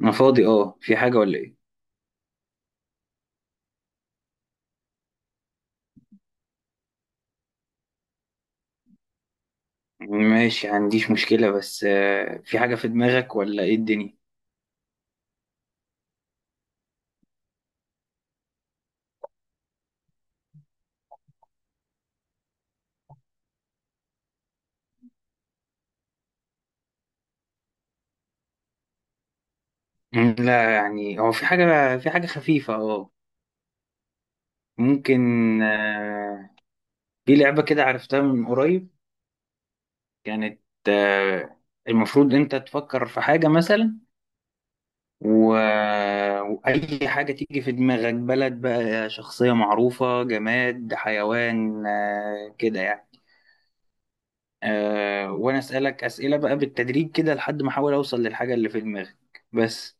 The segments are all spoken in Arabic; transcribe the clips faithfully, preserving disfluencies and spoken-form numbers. انا فاضي. اه، في حاجة ولا ايه؟ ماشي، عنديش مشكلة بس آه، في حاجة في دماغك ولا ايه الدنيا؟ مم، لا يعني، هو في حاجة في حاجة خفيفة اه. ممكن. آه، في لعبة كده عرفتها من قريب. كانت، آه، المفروض انت تفكر في حاجة مثلا و... وأي حاجة تيجي في دماغك، بلد بقى، شخصية معروفة، جماد، حيوان، آه، كده يعني. آه وانا اسالك اسئله بقى بالتدريج كده لحد ما احاول اوصل للحاجه اللي في دماغك. بس.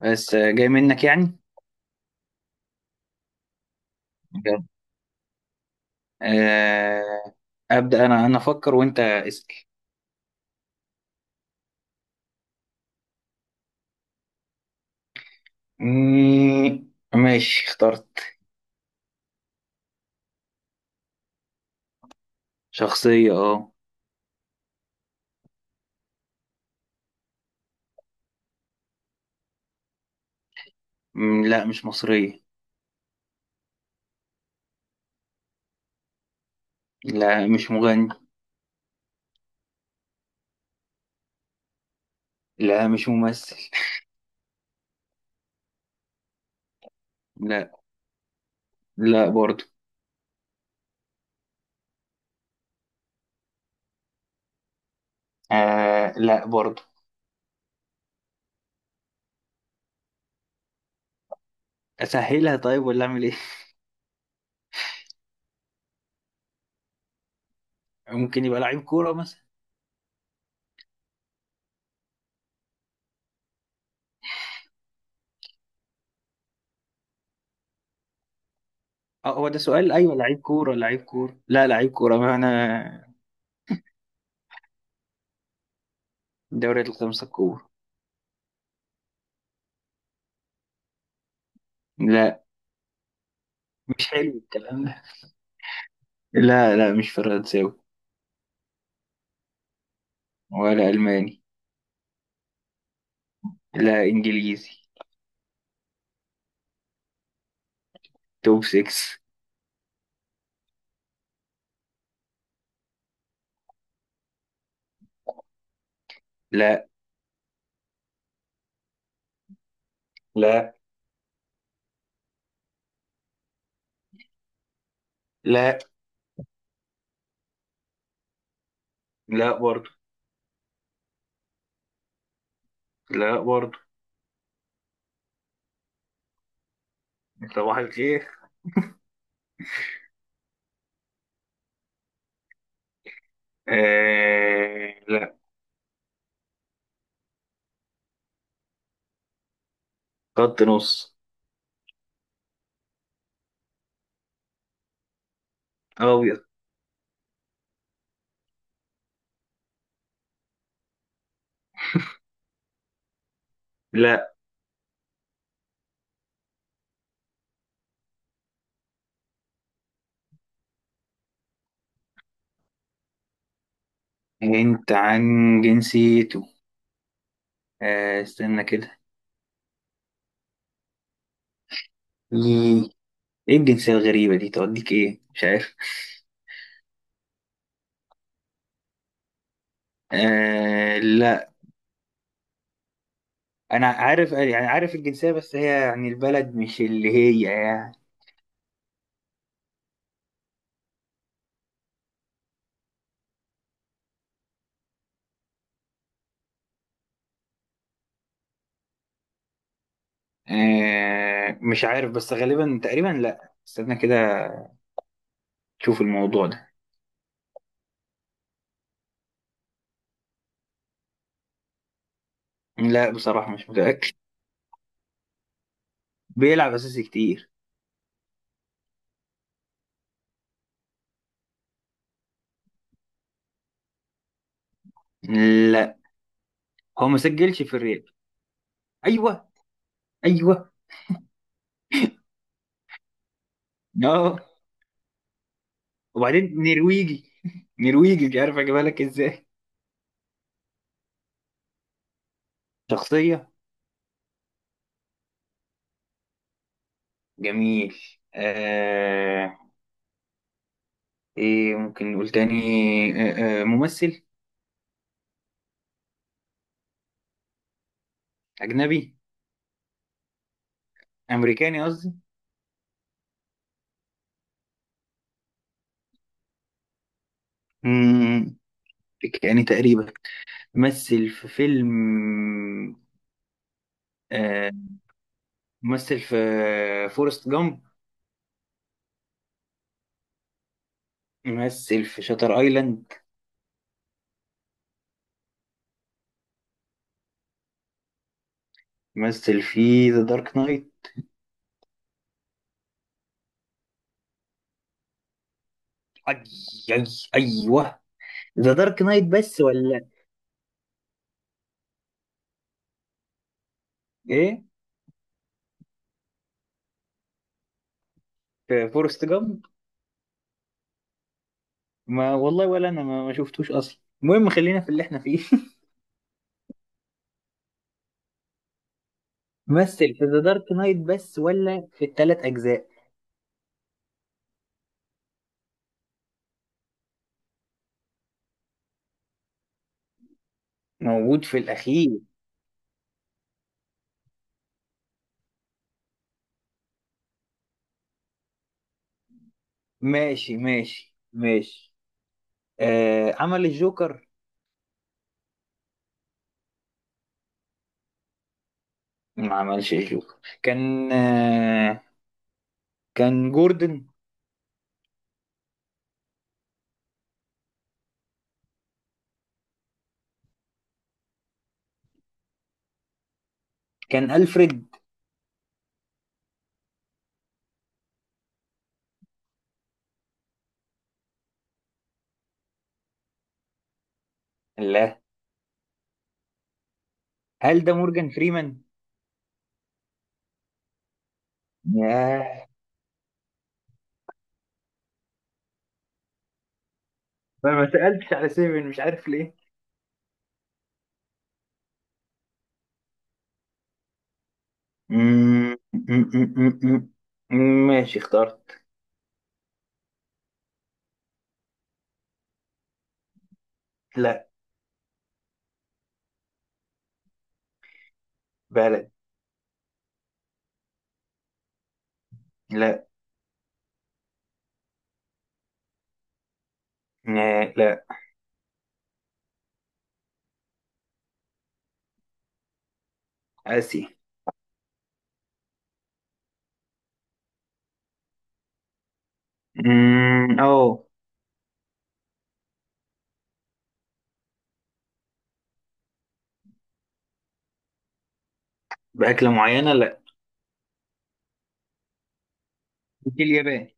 بس آه، جاي منك يعني. بجد. آه. ابدا انا انا افكر وانت اسال. مم، ماشي اخترت. شخصيه اه. مم، لا، مش مصريه. لا مش مغني. لا مش ممثل. لا لا برضو. آه لا برضو. اسهلها طيب ولا اعمل ايه؟ ممكن يبقى لعيب كوره مثلا. اه هو ده سؤال، ايوه. لعيب كوره، لعيب كوره، لا لعيب كوره ما انا. دوري الخمسة الكبرى. لا، مش حلو الكلام ده. لا لا، مش فرنساوي. ولا ألماني. لا إنجليزي. توب ستة. لا لا لا، لا برضه. لا برضه. صباح الخير. آه لا. خط نص. أبيض. لا. أنت عن جنسيته. آه استنى كده. إيه. إيه الجنسية الغريبة دي؟ توديك إيه، مش عارف. آه لا. انا عارف يعني، عارف الجنسيه، بس هي يعني البلد مش اللي هي يعني. آه مش عارف بس غالبا تقريبا. لا استنى كده تشوف الموضوع ده. لا بصراحة مش متأكد. بيلعب أساسي كتير. لا، هو ما سجلش في الريال. أيوه، أيوه. اه. وبعدين نرويجي نرويجي مش عارف أجيبها لك إزاي. شخصية. جميل. آه. إيه، ممكن نقول تاني؟ آه آه ممثل. أجنبي. أمريكاني قصدي. مم، أمريكاني تقريبا. مثل في فيلم. آه، مثل في فورست جامب. مثل في شاتر ايلاند. مثل في ذا دارك نايت. أي، أي، أيوه. ذا دارك نايت بس ولا إيه؟ في فورست جامب. ما والله، ولا أنا ما, ما شفتوش أصلا. المهم خلينا في اللي إحنا فيه. مثل في ذا دارك نايت بس ولا في التلات أجزاء؟ موجود في الأخير. ماشي، ماشي، ماشي. آه عمل الجوكر. ما عملش الجوكر. كان آه كان جوردن. كان ألفريد. لا. هل ده مورجان فريمان؟ ياه. ما ما سألتش على سيفن، مش عارف ليه. مم، مم، مم، مم، مم. ماشي اخترت. لا. بلد. لا لا. لا. آسيا. مم، أوه. بأكلة معينة، لا. مش اليابان.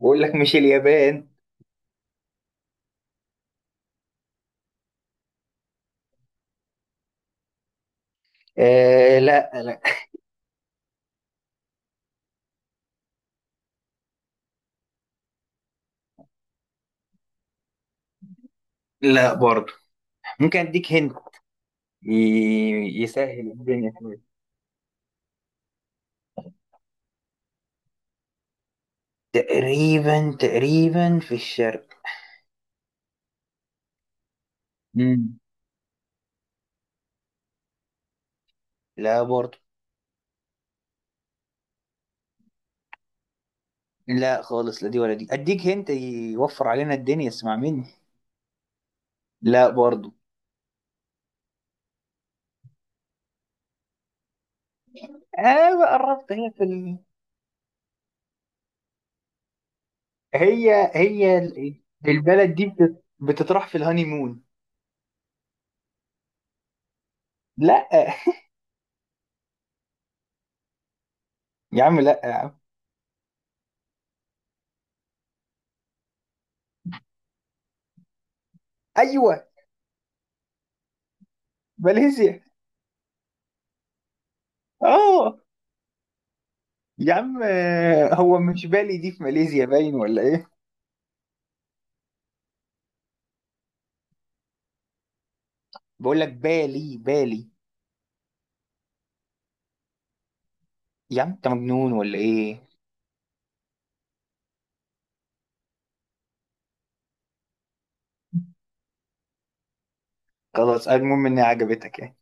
بقول لك مش اليابان. آه لا. لا لا برضه. ممكن أديك هند، ي- يسهل الدنيا شوية. تقريبا تقريبا في الشرق. مم. لا برضه. لا خالص، لا دي ولا دي، اديك هنت يوفر علينا الدنيا، اسمع مني. لا برضو. اه قربت. هي في ال... هي هي ال- البلد دي بت- بتطرح في الهانيمون. لا يا عم، لا يا عم. ايوه. ماليزيا. اه يا عم، آه، هو مش بالي دي في ماليزيا باين ولا ايه؟ بقول لك بالي، بالي. يا عم، انت مجنون ولا ايه؟ خلاص، المهم انها عجبتك يعني.